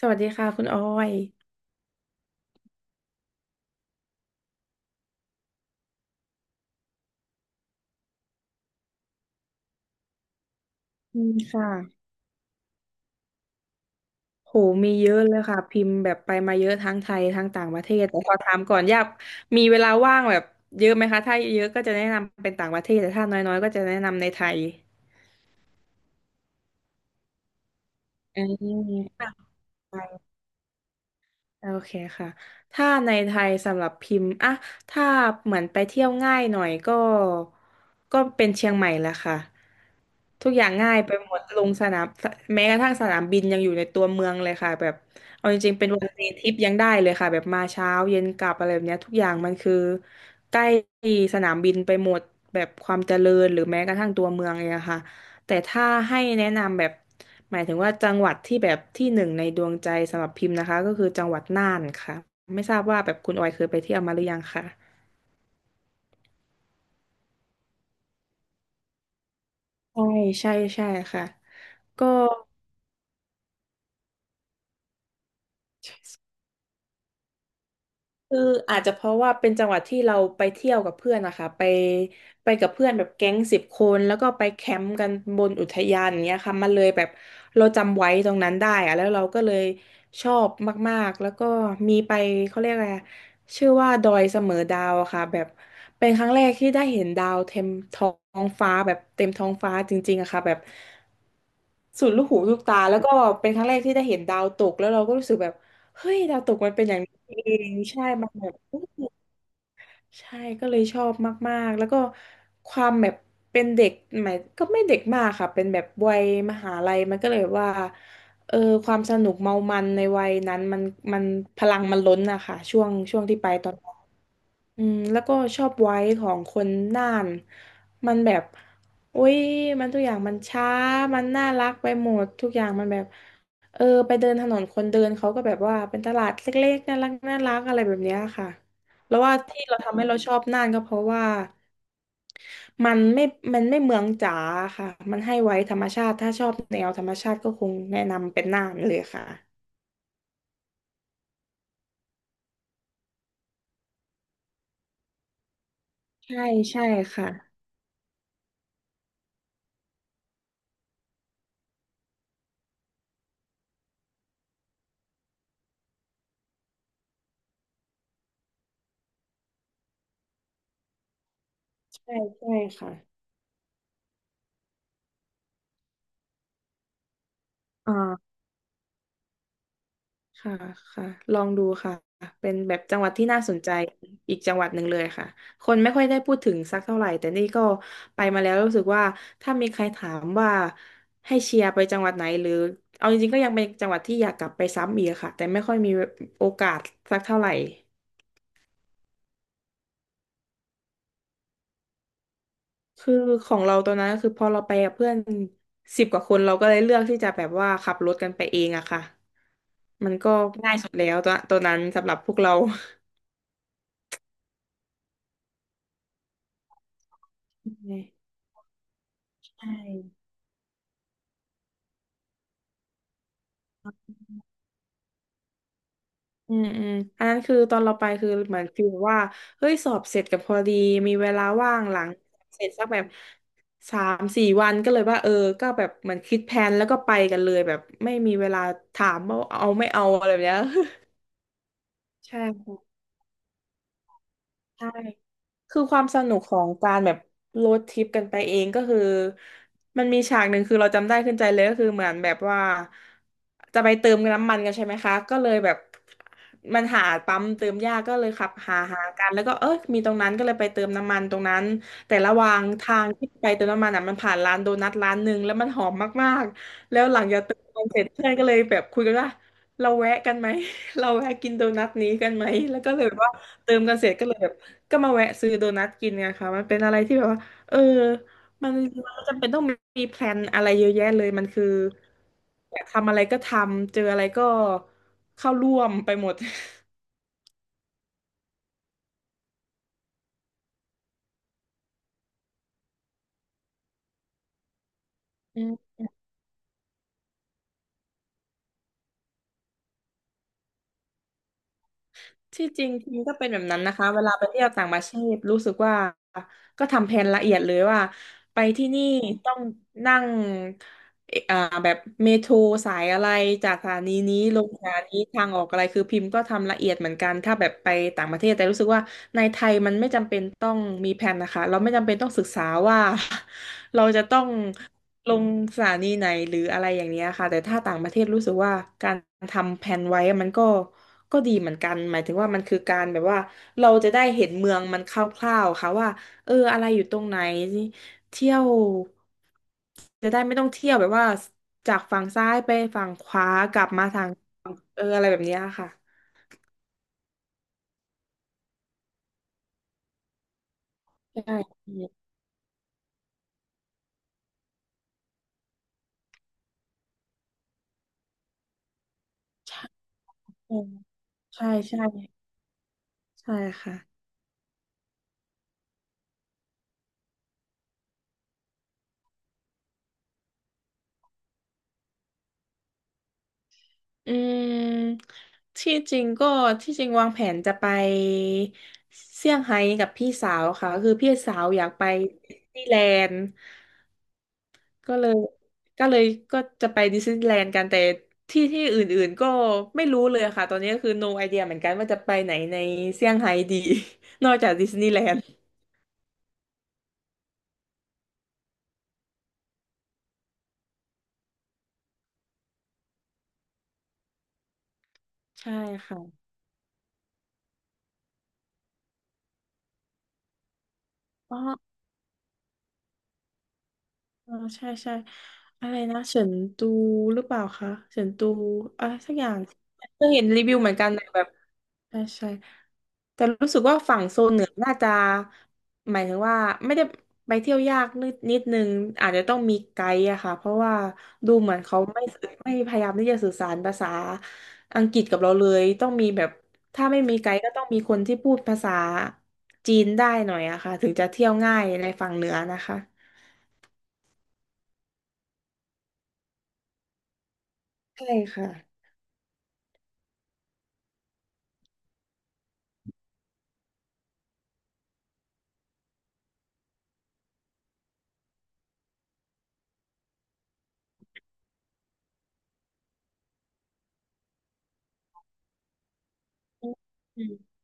สวัสดีค่ะคุณออยอืมค่ะ โห มีเยอะเลยค่ะพิมพ์แบบไปมาเยอะทั้งไทยทั้งต่างประเทศแต่ขอถามก่อนอยากมีเวลาว่างแบบเยอะไหมคะถ้าเยอะก็จะแนะนำเป็นต่างประเทศแต่ถ้าน้อยๆก็จะแนะนำในไทยอมค่า โอเคค่ะถ้าในไทยสำหรับพิมพ์อะถ้าเหมือนไปเที่ยวง่ายหน่อยก็เป็นเชียงใหม่แหละค่ะทุกอย่างง่ายไปหมดลงสนาม แม้กระทั่งสนามบินยังอยู่ในตัวเมืองเลยค่ะแบบเอาจริงๆเป็นวันเดย์ทริปยังได้เลยค่ะ แบบมาเช้าเย็นกลับอะไรแบบเนี้ยทุกอย่างมันคือใกล้สนามบินไปหมดแบบความเจริญหรือแม้กระทั่งตัวเมืองเองอะค่ะ แต่ถ้าให้แนะนำแบบหมายถึงว่าจังหวัดที่แบบที่หนึ่งในดวงใจสำหรับพิมพ์นะคะก็คือจังหวัดน่านค่ะไม่ทราบว่าแบบคุณออยเคยไปเที่ยวมาหรือยังค่ะใช่ใช่ใช่ค่ะก็ คืออาจจะเพราะว่าเป็นจังหวัดที่เราไปเที่ยวกับเพื่อนนะคะไปกับเพื่อนแบบแก๊งสิบคนแล้วก็ไปแคมป์กันบนอุทยานอย่างเงี้ยค่ะมันเลยแบบเราจำไว้ตรงนั้นได้อะแล้วเราก็เลยชอบมากๆแล้วก็มีไปเขาเรียกอะไรอะชื่อว่าดอยเสมอดาวอะค่ะแบบเป็นครั้งแรกที่ได้เห็นดาวเต็มท้องฟ้าแบบเต็มท้องฟ้าจริงๆอะค่ะแบบสุดลูกหูลูกตาแล้วก็เป็นครั้งแรกที่ได้เห็นดาวตกแล้วเราก็รู้สึกแบบเฮ้ยดาวตกมันเป็นอย่างนี้เองใช่มันแบบ ใช่ก็เลยชอบมากๆแล้วก็ความแบบเป็นเด็กหมายก็ไม่เด็กมากค่ะเป็นแบบวัยมหาลัยมันก็เลยแบบว่าเออความสนุกเมามันในวัยนั้นมันพลังมันล้นอะค่ะช่วงที่ไปตอน อืมแล้วก็ชอบไว้ของคนน่านมันแบบโอ้ยมันทุกอย่างมันช้ามันน่ารักไปหมดทุกอย่างมันแบบเออไปเดินถนนคนเดินเขาก็แบบว่าเป็นตลาดเล็กๆน่ารักน่ารักอะไรแบบเนี้ยค่ะแล้วว่าที่เราทำให้เราชอบน่านก็เพราะว่ามันไม่มันไม่เมืองจ๋าค่ะมันให้ไว้ธรรมชาติถ้าชอบแนวธรรมชาติก็คงแนะนำเป็นน่านเลยค่ะใช่ใช่ค่ะใช่ใช่ค่ะอ่า ค่ะค่ะลองดูค่ะเป็นแบบจังหวัดที่น่าสนใจอีกจังหวัดหนึ่งเลยค่ะ คนไม่ค่อยได้พูดถึงสักเท่าไหร่ แต่นี่ก็ไปมาแล้วรู้สึกว่าถ้ามีใครถามว่าให้เชียร์ไปจังหวัดไหนหรือเอาจริงๆก็ยังเป็นจังหวัดที่อยากกลับไปซ้ำอีกค่ะแต่ไม่ค่อยมีโอกาสสักเท่าไหร่ คือของเราตอนนั้นก็คือพอเราไปกับเพื่อนสิบกว่าคนเราก็เลยเลือกที่จะแบบว่าขับรถกันไปเองอะค่ะมันก็ง่ายสุดแล้วตอนนั้นสำหรับพวกเราใช่ อืมอันนั้นคือตอนเราไปคือเหมือนฟีลว่าเฮ้ยสอบเสร็จกับพอดีมีเวลาว่างหลังเสร็จสักแบบสามสี่วันก็เลยว่าก็แบบเหมือนคิดแผนแล้วก็ไปกันเลยแบบไม่มีเวลาถามว่าเอาไม่เอาอะไรแบบเนี้ย ใช่ค่ะใช่ คือความสนุกของการแบบโรดทริปกันไปเองก็คือมันมีฉากหนึ่งคือเราจำได้ขึ้นใจเลยก็คือเหมือนแบบว่าจะไปเติมน้ำมันกันใช่ไหมคะก็เลยแบบมันหาปั๊มเติมยากก็เลยขับหาหากันแล้วก็มีตรงนั้นก็เลยไปเติมน้ำมันตรงนั้นแต่ระหว่างทางที่ไปเติมน้ำมันอ่ะมันผ่านร้านโดนัทร้านหนึ่งแล้วมันหอมมากๆแล้วหลังจากเติมน้ำมันเสร็จเพื่อนก็เลยแบบคุยกันว่าเราแวะกันไหม เราแวะกินโดนัทนี้กันไหมแล้วก็เลยแบบว่าเติมกันเสร็จก็เลยแบบ ก็มาแวะซื้อโดนัทกินไงคะมันเป็นอะไรที่แบบว่าเออมันมันจำเป็นต้องมีแพลนอะไรเยอะแยะเลยมันคืออยากทำอะไรก็ทำเจออะไรก็เข้าร่วมไปหมดอืมที่จริงทีมก็เป็นแบบนั้นนะคะเวลาไปเที่ยวต่างประเทศรู้สึกว่าก็ทำแผนละเอียดเลยว่าไปที่นี่ต้องนั่ง เอ่ออ่าแบบเมโทรสายอะไรจากสถานีนี้ลงสถานีทางออกอะไรคือพิมพ์ก็ทำละเอียดเหมือนกันถ้าแบบไปต่างประเทศแต่รู้สึกว่าในไทยมันไม่จำเป็นต้องมีแผนนะคะเราไม่จำเป็นต้องศึกษาว่า เราจะต้องลงสถานีไหนหรืออะไรอย่างเนี้ยค่ะแต่ถ้าต่างประเทศรู้สึกว่าการทำแผนไว้มันก็ดีเหมือนกันหมายถึงว่ามันคือการแบบว่าเราจะได้เห็นเมืองมันคร่าวๆค่ะว่าเอออะไรอยู่ตรงไหน เที่ยวจะได้ไม่ต้องเที่ยวแบบว่าจากฝั่งซ้ายไปฝั่งขวากลับมาทางเอออะไรแบบเนี้ยค่ะใช่ใช่ใช่ใช่ใช่ค่ะอืมที่จริงก็ที่จริงวางแผนจะไปเซี่ยงไฮ้กับพี่สาวค่ะคือพี่สาวอยากไปดิสนีย์แลนด์ ก็เลยก็เลยก็จะไปดิสนีย์แลนด์กันแต่ที่ที่อื่นๆก็ไม่รู้เลยค่ะตอนนี้ก็คือ no idea เหมือนกันว่าจะไปไหนในเซี่ยงไฮ้ดี นอกจากดิสนีย์แลนด์ใช่ค่ะอ๋อเออใช่ใช่อะไรนะเฉินตูหรือเปล่าคะเฉินตูอะไรสักอย่างก็เห็นรีวิวเหมือนกันนะแบบ ใช่ใช่แต่รู้สึกว่าฝั่งโซนเหนือน่าจะหมายถึงว่าไม่ได้ไปเที่ยวยากนิดนึงอาจจะต้องมีไกด์อะค่ะเพราะว่าดูเหมือนเขาไม่พยายามที่จะสื่อสารภาษาอังกฤษกับเราเลยต้องมีแบบถ้าไม่มีไกด์ก็ต้องมีคนที่พูดภาษาจีนได้หน่อยอะค่ะถึงจะเที่ยวง่ายในฝั่งเหนือนะคะใช่ค่ะอืม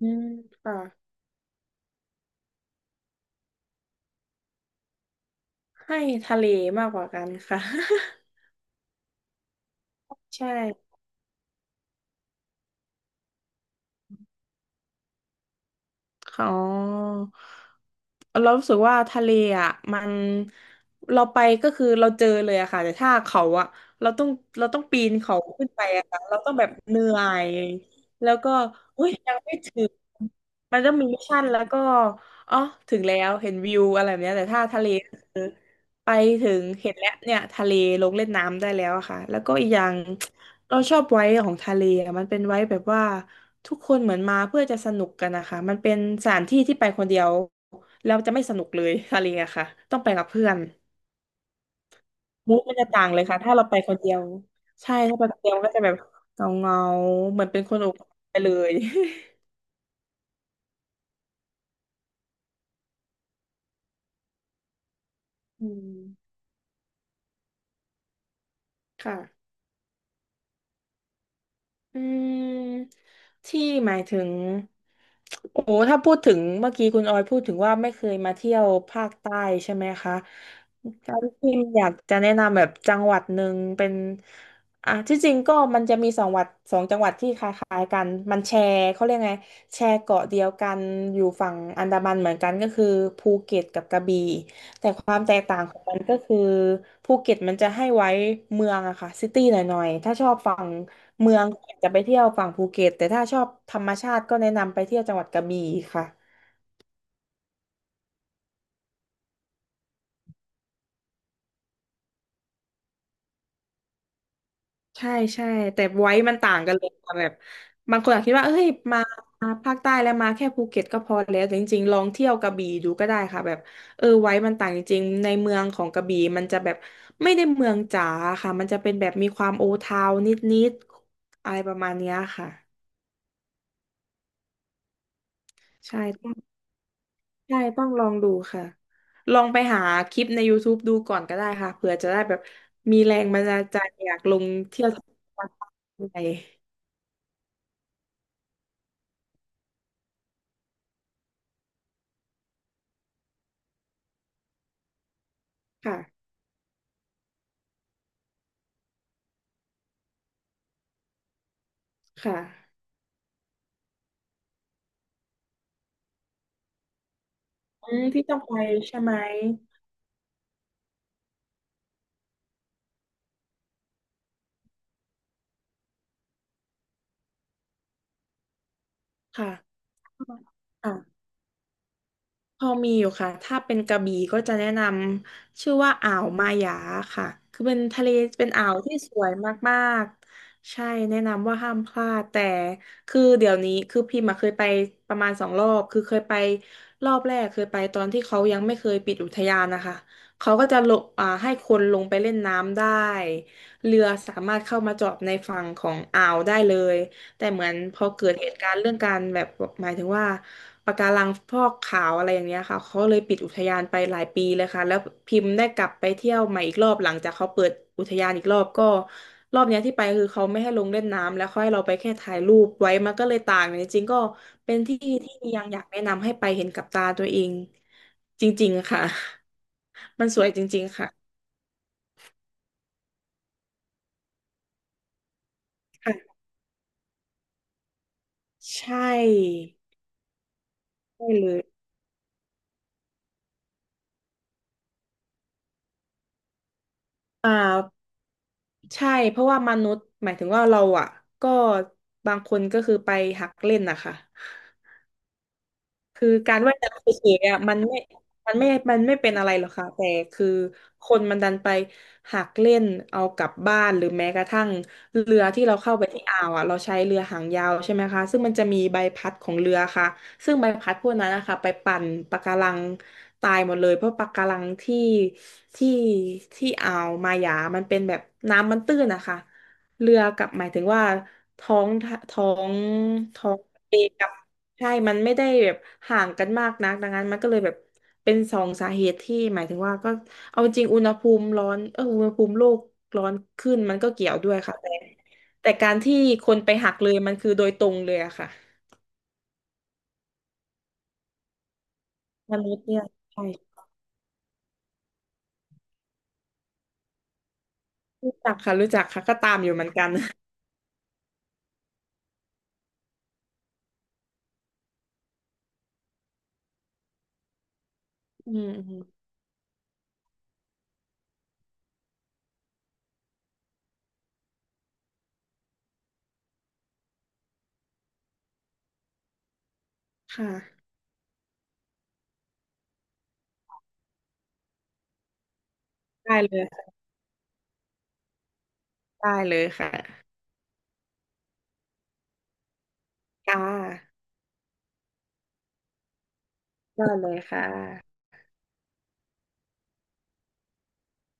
อืมค่ะให้ทะเลมากกว่ากันค่ะ ใช่ อ๋อเรารู้สึกว่าทะเลอ่ะมันเราไปก็คือเราเจอเลยอะค่ะแต่ถ้าเขาอะเราต้องเราต้องปีนเขาขึ้นไปอะค่ะเราต้องแบบเหนื่อยแล้วก็อุ้ยยังไม่ถึงมันต้องมีมิชชั่นแล้วก็อ๋อถึงแล้วเห็นวิวอะไรแบบเนี้ยแต่ถ้าทะเลก็คือไปถึงเห็นแล้วเนี่ยทะเลลงเล่นน้ำได้แล้วอะค่ะแล้วก็อีกอย่างเราชอบไว้ของทะเลอะมันเป็นไว้แบบว่า ทุกคนเหมือนมาเพื่อจะสนุกกันนะคะมันเป็นสถานที่ที่ไปคนเดียวแล้วจะไม่สนุกเลย ทะเลอะค่ะต้องไปกับเพื่อนมูดมันจะต่างเลยค่ะถ้าเราไปคนเดียวใช่ถ้าไปคนเดียวมันก็จะแบบเงาเงาเหมือนเป็นคนอกหักไปเลย อืมค่ะ อืมที่หมายถึงโอ้โหถ้าพูดถึงเมื่อกี้คุณออยพูดถึงว่าไม่เคยมาเที่ยวภาคใต้ใช่ไหมคะการที่อยากจะแนะนำแบบจังหวัดหนึ่งเป็นอ่ะที่จริงก็มันจะมีสองวัดสองจังหวัดที่คล้ายๆกันมันแชร์เขาเรียกไงแชร์เกาะเดียวกันอยู่ฝั่งอันดามันเหมือนกันก็คือภูเก็ตกับกระบี่ แต่ความแตกต่างของมันก็คือภูเก็ตมันจะให้ไว้เมืองอะค่ะซิตี้หน่อยๆถ้าชอบฝั่งเมืองก็จจะไปเที่ยวฝั่งภูเก็ตแต่ถ้าชอบธรรมชาติก็แนะนำไปเที่ยวจังหวัดกระบี่ค่ะใช่ใช่แต่ไว้มันต่างกันเลยค่ะแบบบางคนอาจคิดว่าเอ้ยมาภาคใต้แล้วมาแค่ภูเก็ตก็พอแล้วแต่จริงๆลองเที่ยวกระบี่ดูก็ได้ค่ะแบบเออไว้มันต่างจริงๆในเมืองของกระบี่มันจะแบบไม่ได้เมืองจ๋าค่ะมันจะเป็นแบบมีความโอทาวนิดๆอะไรประมาณเนี้ยค่ะ ใช่ต้องใช่ต้องลองดูค่ะลองไปหาคลิปใน YouTube ดูก่อนก็ได้ค่ะเผื่อจะได้แบบมีแรงบันดาลใจอยากลงเที่ยวอะไรค่ะค่ะอืมที่ต้องไปใช่ไหมค่ะค่ะ พอมีอยู่ค่ะ ถ้าเป็นกระบี่ก็จะแนะนำชื่อว่าอ่าวมายาค่ะ คือเป็นทะเลเป็นอ่าวที่สวยมากๆใช่แนะนำว่าห้ามพลาดแต่คือเดี๋ยวนี้คือพิมพ์มาเคยไปประมาณสองรอบคือเคยไปรอบแรกเคยไปตอนที่เขายังไม่เคยปิดอุทยานนะคะเขาก็จะลงอ่าให้คนลงไปเล่นน้ำได้เรือสามารถเข้ามาจอดในฝั่งของอ่าวได้เลย แต่เหมือนพอเกิดเหตุการณ์เรื่องการแบบหมายถึงว่าปะการังฟอกขาวอะไรอย่างเงี้ยค่ะเขาเลยปิดอุทยานไปหลายปีเลยค่ะแล้วพิมพ์ได้กลับไปเที่ยวใหม่อีกรอบหลังจากเขาเปิดอุทยานอีกรอบก็รอบเนี้ยที่ไปคือเขาไม่ให้ลงเล่นน้ำแล้วเขาให้เราไปแค่ถ่ายรูปไว้มันก็เลยต่างจริงๆก็เป็นที่ที่ยังอยากแนะนำให้ไปเห็นกับตาตัวเองจริงๆค่ะมันสวยจริงๆค่ะ ค่ะใช่ได้เลยอ่า ใช่ เพราะว่ามนุษย์หมายถึงว่าเราอ่ะก็บางคนก็คือไปหักเล่นนะคะ คือการว่ายน้ำเฉยๆอ่ะมันไม่เป็นอะไรหรอกค่ะแต่คือคนมันดันไปหักเล่นเอากลับบ้านหรือแม้กระทั่งเรือที่เราเข้าไปที่อ่าวอ่ะเราใช้เรือหางยาวใช่ไหมคะซึ่งมันจะมีใบพัดของเรือค่ะซึ่งใบพัดพวกนั้นนะคะไปปั่นปะการังตายหมดเลยเพราะปะการังที่ที่อ่าวมาหยามันเป็นแบบน้ำมันตื้นนะคะเรือกับหมายถึงว่าท้องท้องท้องทะเลกับ ใช่มันไม่ได้แบบห่างกันมากนักดังนั้นมันก็เลยแบบเป็นสองสาเหตุที่หมายถึงว่าก็เอาจริงอุณหภูมิร้อนเอออุณหภูมิโลกร้อนขึ้นมันก็เกี่ยวด้วยค่ะแต่แต่การที่คนไปหักเลยมันคือโดยตรงเลยอะค่ะมนุษย์เนี่ยใช่รู้จักค่ะรู้จักค่ะก็ตามอยู่เหมือนกันอืมอืมค่ะได้เลยค่ะได้เลยค่ะค่ะได้เลยค่ะ